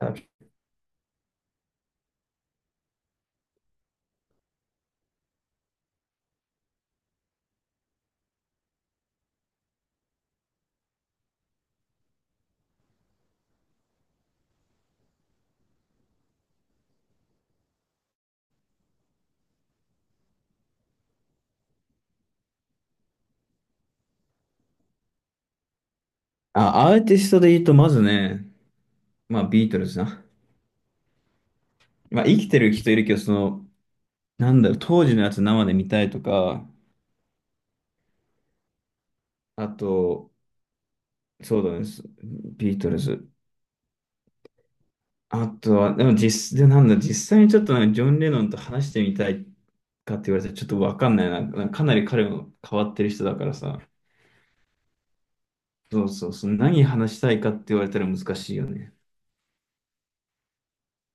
あ、アーティストで言うと、まずね、まあ、ビートルズな。まあ、生きてる人いるけど、当時のやつ生で見たいとか、あと、そうだね、ビートルズ。あとは、でも実、で、なんだ、実際にちょっとなんかジョン・レノンと話してみたいかって言われたらちょっとわかんないな。なんかかなり彼も変わってる人だからさ。そうそうそう、何話したいかって言われたら難しいよね。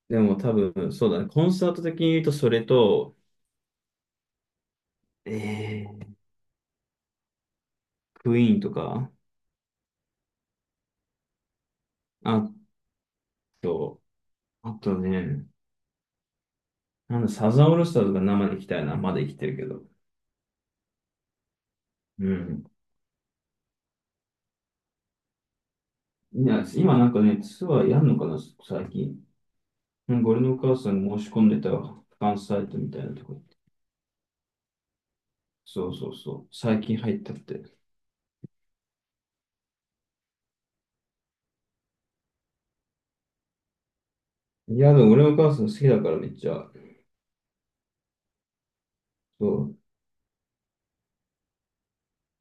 でも多分、そうだね、コンサート的に言うと、それと、えー、クイーンとか、あと、あとね、なんだ、サザンオールスターズが生で行きたいな。まだ生きてるけど。うん。いや、今なんかね、ツアーやんのかな、最近。なんか俺のお母さん申し込んでたわ。ファンサイトみたいなとこ行って。そうそうそう。最近入ったって。いや、でも俺のお母さん好きだからめっちゃ。そう。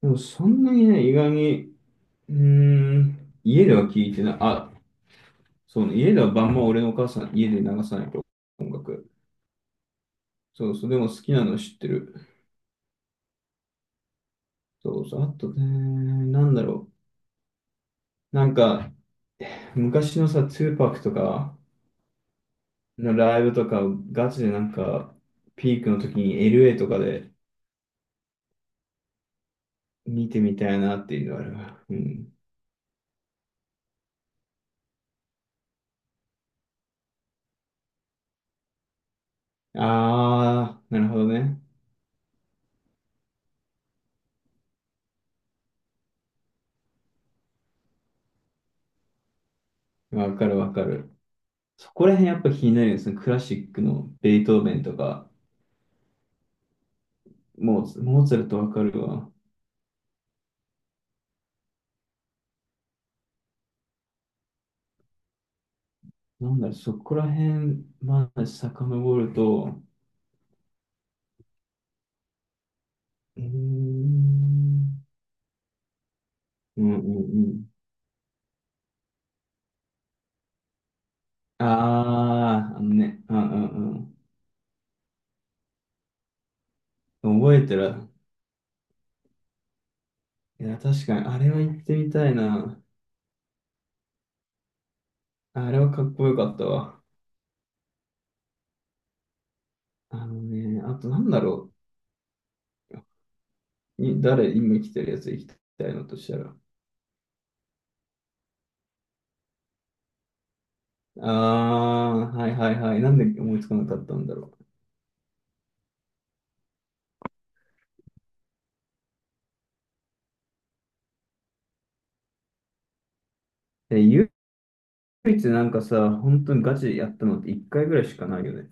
でもそんなにね、意外に、家では聞いてない。あ、そうね、家では晩も俺のお母さん、家で流さないと音楽。そうそう、でも好きなの知ってる。そうそう、あとね、なんだろう。なんか、昔のさ、ツーパックとかのライブとか、ガチでなんか、ピークの時に LA とかで見てみたいなっていうのはあるわ。うん。あー、なるほどね。わかるわかる。そこら辺やっぱ気になるよね。そのクラシックのベートーベンとか、モーツァルトわかるわ。なんだろう、そこら辺まで遡ると、うーん、うんうんうん。あー、あのね、うんうんうん。覚えてる。いや、確かに、あれは行ってみたいな。あれはかっこよかったわ。あのね、あとなんだろう。誰、今来てるやつ行きたいのとしたら。あー、はいはいはい。なんで思いつかなかったんだろう。え、唯一なんかさ、本当にガチでやったのって1回ぐらいしかないよね。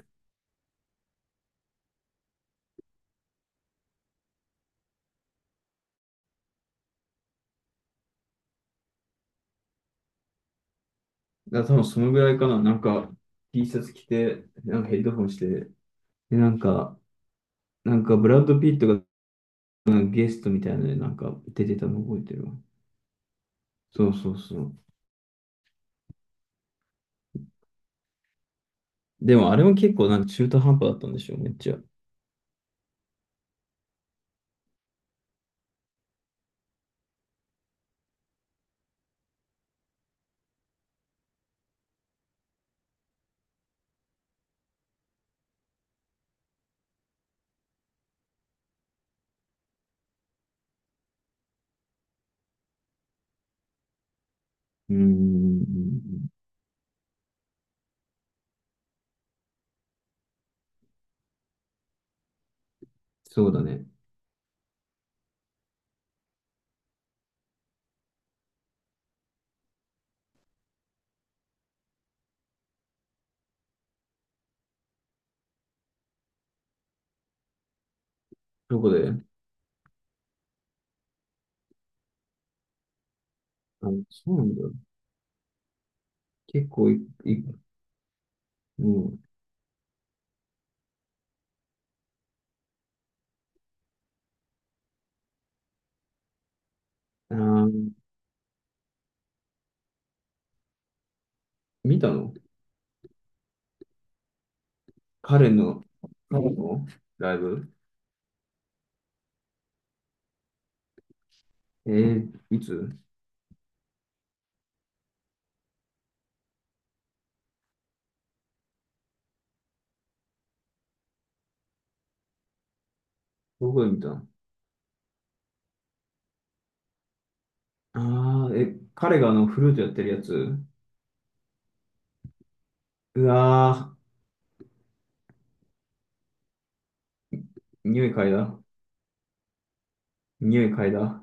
だから多分そのぐらいかな。なんか、T シャツ着て、なんかヘッドホンして、で、なんかブラッド・ピットがなんかゲストみたいなので、なんか出てたの覚えてるわ。そうそうそう。でもあれも結構なんか中途半端だったんでしょ、めっちゃ。うーん、そうだね。どこで、あ、そうなんだ。結構もう、あー、見たの、彼の、彼のライブ、いつどこで見たの、ああー、彼があのフルートやってるやつ、うわー、匂い嗅いだ。匂い嗅いだ。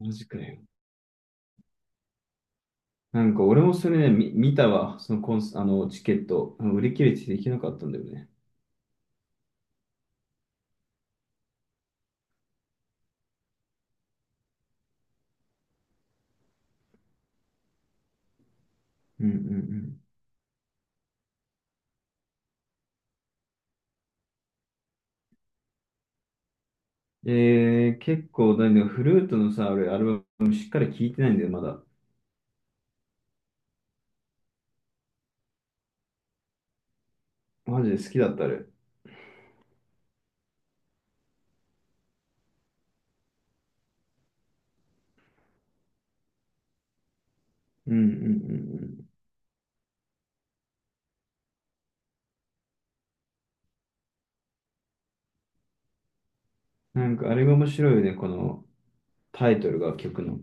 マジかよ。なんか俺もそれね、見たわ。そのコンス、あの、チケット。あの売り切れてできなかったんだよね。うんうんうん、結構、だね、フルートのさ、俺、アルバムしっかり聴いてないんだよ、まだ。マジで好きだった、あれ。うんうんうんうん。なんか、あれが面白いよね、このタイトルが曲の。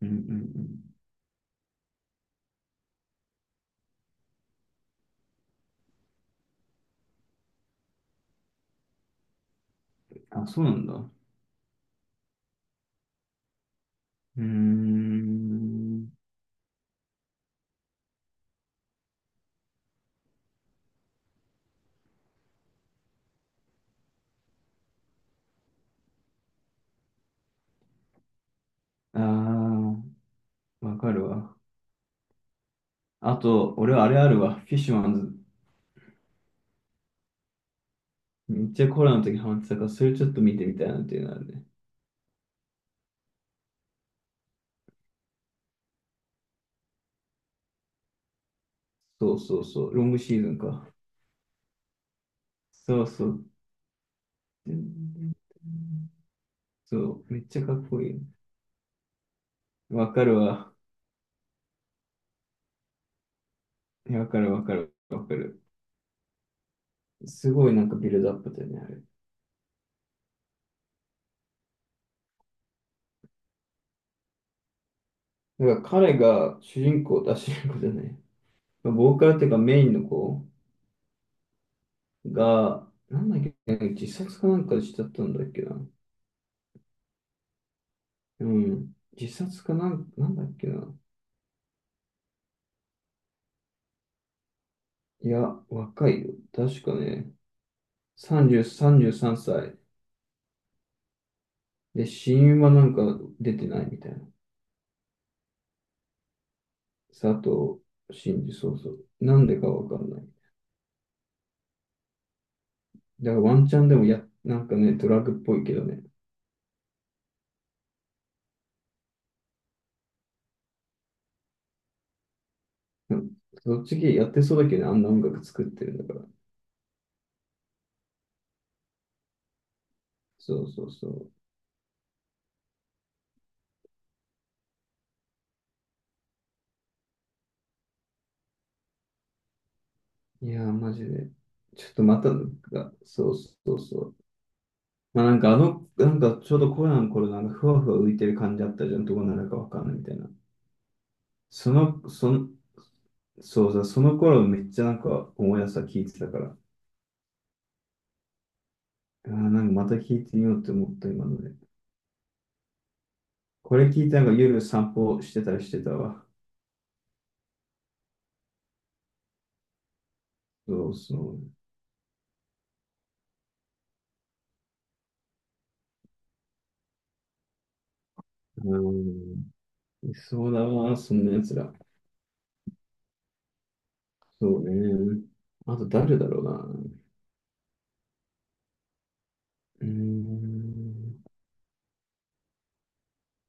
うんうんうん。あ、そうなんだ。うーん。あー、わかるわ。あと、俺はあれあるわ。フィッシュマンズ。めっちゃコロナの時ハマってたから、それちょっと見てみたいなっていうのあるね。そうそうそう。ロングシーズンか。そうそう。そう、めっちゃかっこいい。わかるわ。いやわかるわかるわかる。すごいなんかビルドアップだよね、あれ。だから彼が主人公、あ、主人公じゃない。ボーカルっていうかメインの子が、なんだっけ、自殺かなんかしちゃったんだっけな。うん。自殺かなんだっけな。いや、若いよ。確かね、30、33歳。で、死因はなんか出てないみたいな。佐藤真二、そうそう。なんでかわかんない。だからワンチャンでもなんかね、ドラッグっぽいけどね。うん、そっち系やってそうだけどね、あんな音楽作ってるんだから。そうそうそう。いやー、マジで。ちょっとまたなんか、そうそうそう。まあなんかなんかちょうどコロナの頃なんかふわふわ浮いてる感じあったじゃん、どこなるかわかんないみたいな。その、その、そうだ、その頃めっちゃなんか思い出した聞いてたから、あーなんかまた聞いてみようって思った今ので。これ聞いてなんか夜散歩してたりしてたわ。そうそう。うん。いそうだわ、そんな奴ら。そうね。あと誰だろうな。うーん。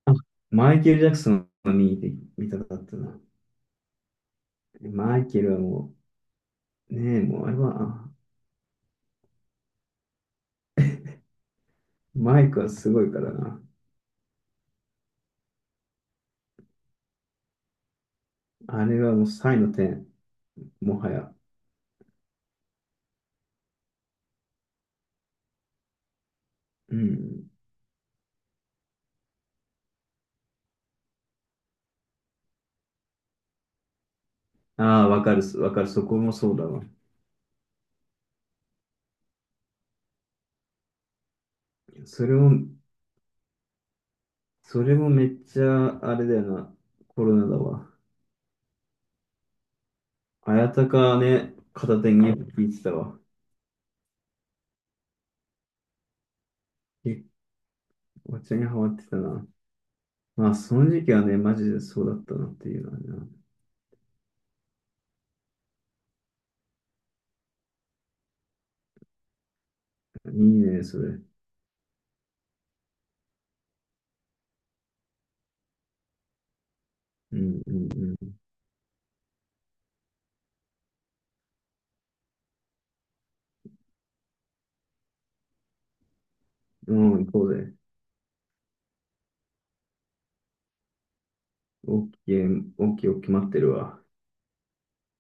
あ、マイケル・ジャクソンを見たかったな。マイケルはもう、ねえ、もうあれは、あマイクはすごいからな。あれはもう才の点、もはや。うん。ああ、わかる、わかる、そこもそうだわ。それも、それもめっちゃ、あれだよな、コロナだわ。綾鷹ね、片手に聞いてたわ。え、お茶にハマってたな。まあ、その時期はね、マジでそうだったなっていうのはね。いいね、それ。うんうんうん。うん、行こうぜ。オッケー、オッケー、オッケー、待ってるわ。